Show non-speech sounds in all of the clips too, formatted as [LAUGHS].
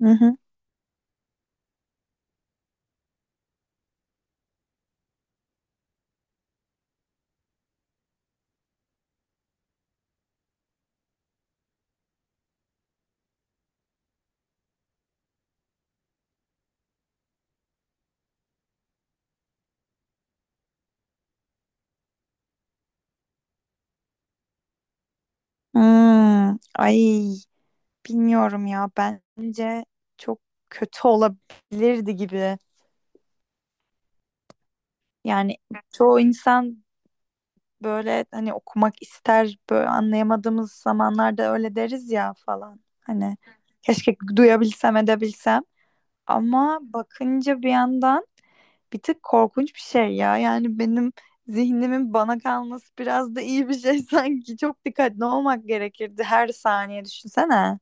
Hı hı. Hmm, ay bilmiyorum ya, bence çok kötü olabilirdi gibi. Yani çoğu insan böyle hani okumak ister, böyle anlayamadığımız zamanlarda öyle deriz ya falan. Hani keşke duyabilsem, edebilsem. Ama bakınca bir yandan bir tık korkunç bir şey ya. Yani benim zihnimin bana kalması biraz da iyi bir şey [LAUGHS] sanki. Çok dikkatli olmak gerekirdi her saniye, düşünsene.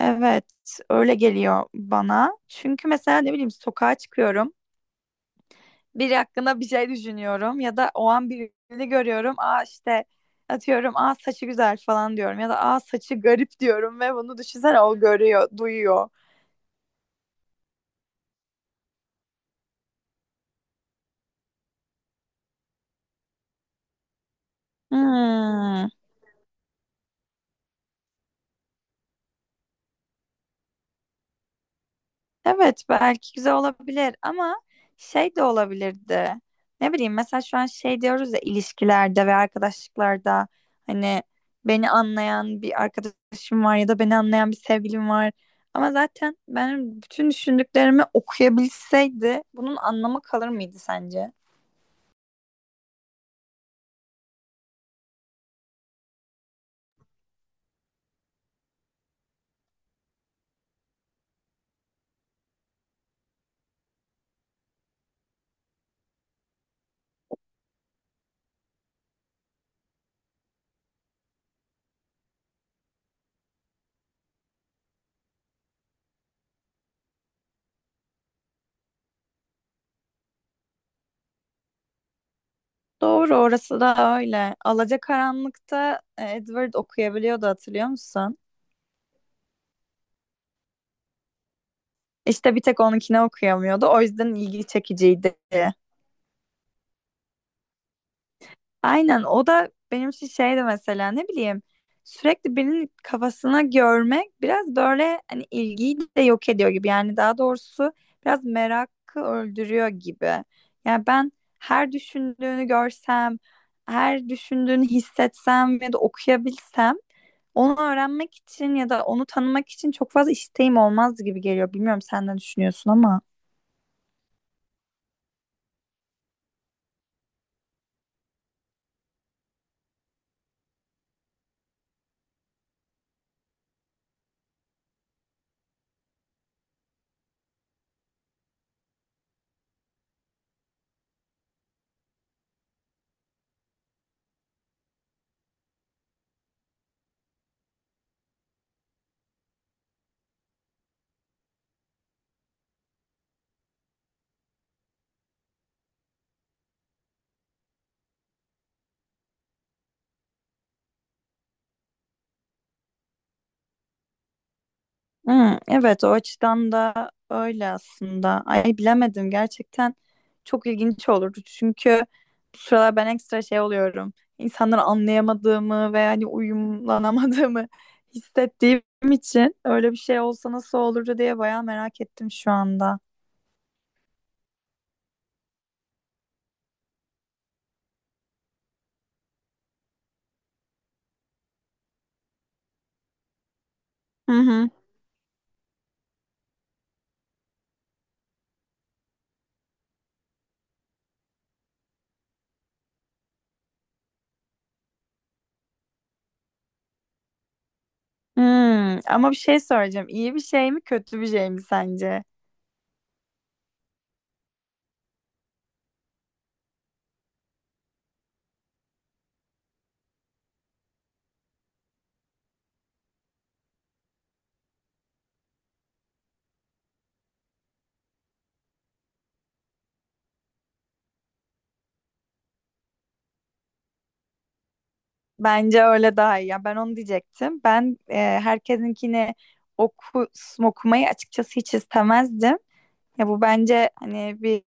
Evet, öyle geliyor bana. Çünkü mesela ne bileyim, sokağa çıkıyorum. Biri hakkında bir şey düşünüyorum ya da o an birini görüyorum. Aa, işte atıyorum, aa saçı güzel falan diyorum ya da aa saçı garip diyorum ve bunu düşünsene, o görüyor, duyuyor. Hmm. Evet, belki güzel olabilir ama şey de olabilirdi. Ne bileyim, mesela şu an şey diyoruz ya, ilişkilerde ve arkadaşlıklarda hani beni anlayan bir arkadaşım var ya da beni anlayan bir sevgilim var. Ama zaten benim bütün düşündüklerimi okuyabilseydi bunun anlamı kalır mıydı sence? Doğru, orası da öyle. Alacakaranlık'ta Edward okuyabiliyordu, hatırlıyor musun? İşte bir tek onunkine okuyamıyordu. O yüzden ilgi çekiciydi. Aynen, o da benim için şeydi. Mesela ne bileyim, sürekli birinin kafasına görmek biraz böyle hani ilgiyi de yok ediyor gibi, yani daha doğrusu biraz merakı öldürüyor gibi. Yani ben her düşündüğünü görsem, her düşündüğünü hissetsem ya da okuyabilsem, onu öğrenmek için ya da onu tanımak için çok fazla isteğim olmaz gibi geliyor. Bilmiyorum, sen ne düşünüyorsun ama. Hmm, evet, o açıdan da öyle aslında. Ay, bilemedim gerçekten, çok ilginç olurdu. Çünkü bu sıralar ben ekstra şey oluyorum. İnsanları anlayamadığımı ve hani uyumlanamadığımı [LAUGHS] hissettiğim için öyle bir şey olsa nasıl olurdu diye bayağı merak ettim şu anda. Hı hı. Hmm, ama bir şey soracağım. İyi bir şey mi kötü bir şey mi sence? Bence öyle daha iyi. Ya ben onu diyecektim. Ben herkesinkini oku, okumayı açıkçası hiç istemezdim. Ya bu bence hani bir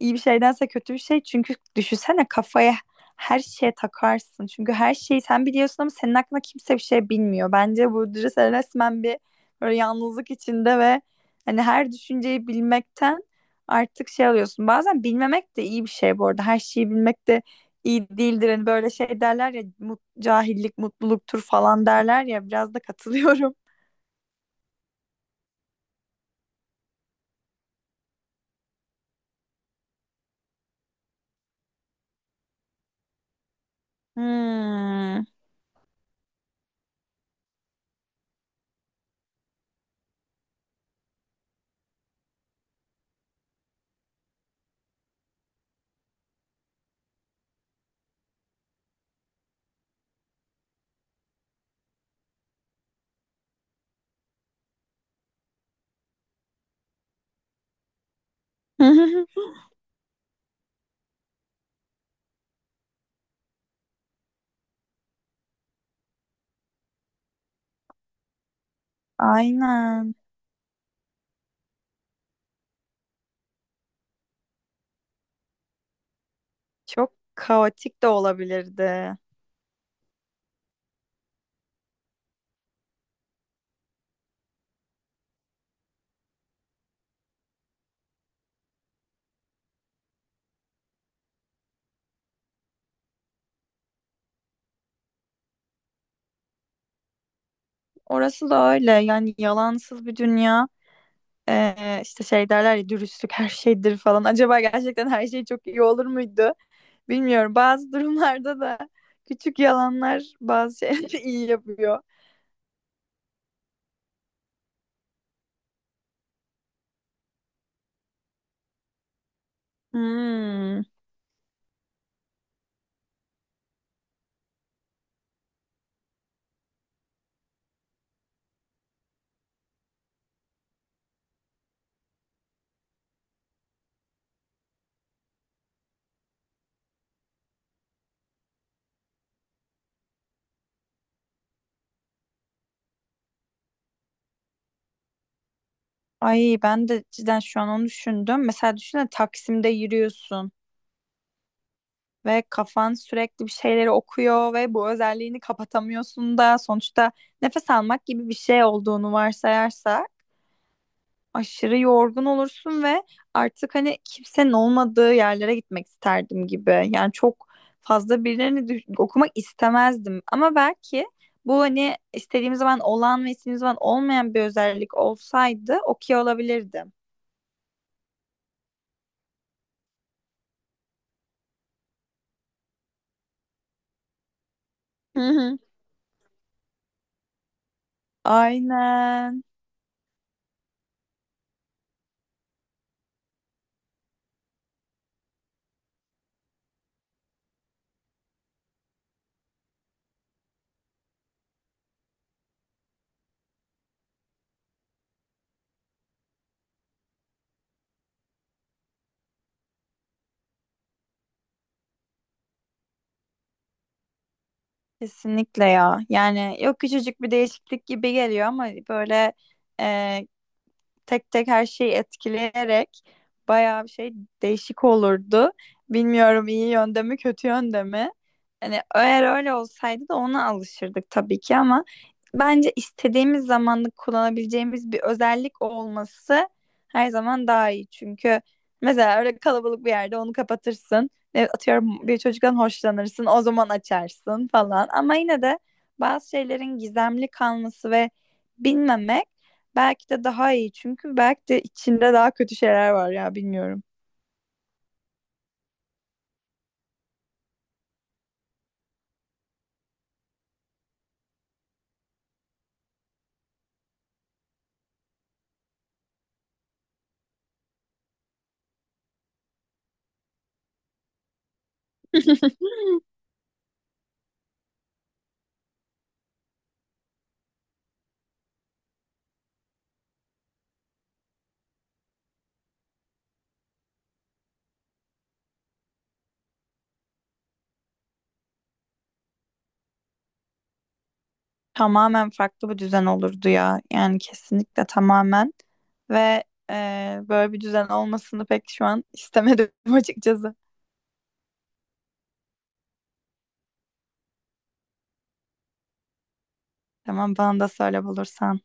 iyi bir şeydense kötü bir şey. Çünkü düşünsene, kafaya her şeye takarsın. Çünkü her şeyi sen biliyorsun ama senin hakkında kimse bir şey bilmiyor. Bence bu, sen resmen bir böyle yalnızlık içinde ve hani her düşünceyi bilmekten artık şey alıyorsun. Bazen bilmemek de iyi bir şey bu arada. Her şeyi bilmek de iyi değildir. Hani böyle şey derler ya, cahillik mutluluktur falan derler ya, biraz da katılıyorum. Hmm. [LAUGHS] Aynen. Çok kaotik de olabilirdi. Orası da öyle. Yani yalansız bir dünya. İşte şey derler ya, dürüstlük her şeydir falan. Acaba gerçekten her şey çok iyi olur muydu? Bilmiyorum. Bazı durumlarda da küçük yalanlar bazı şeyleri [LAUGHS] iyi yapıyor. Hmm. Ay, ben de cidden şu an onu düşündüm. Mesela düşünsene, Taksim'de yürüyorsun ve kafan sürekli bir şeyleri okuyor ve bu özelliğini kapatamıyorsun da, sonuçta nefes almak gibi bir şey olduğunu varsayarsak aşırı yorgun olursun ve artık hani kimsenin olmadığı yerlere gitmek isterdim gibi. Yani çok fazla birilerini okumak istemezdim. Ama belki bu hani istediğim zaman olan ve istediğim zaman olmayan bir özellik olsaydı okey olabilirdim. Hı hı. Aynen. Kesinlikle ya. Yani yok, küçücük bir değişiklik gibi geliyor ama böyle e, tek tek her şeyi etkileyerek bayağı bir şey değişik olurdu. Bilmiyorum, iyi yönde mi kötü yönde mi? Hani eğer öyle olsaydı da ona alışırdık tabii ki, ama bence istediğimiz zamanlık kullanabileceğimiz bir özellik olması her zaman daha iyi. Çünkü mesela öyle kalabalık bir yerde onu kapatırsın. Atıyorum, bir çocuktan hoşlanırsın, o zaman açarsın falan. Ama yine de bazı şeylerin gizemli kalması ve bilmemek belki de daha iyi, çünkü belki de içinde daha kötü şeyler var ya, bilmiyorum. [LAUGHS] Tamamen farklı bir düzen olurdu ya. Yani kesinlikle tamamen ve böyle bir düzen olmasını pek şu an istemedim [LAUGHS] açıkçası. Tamam, bana da söyle bulursan.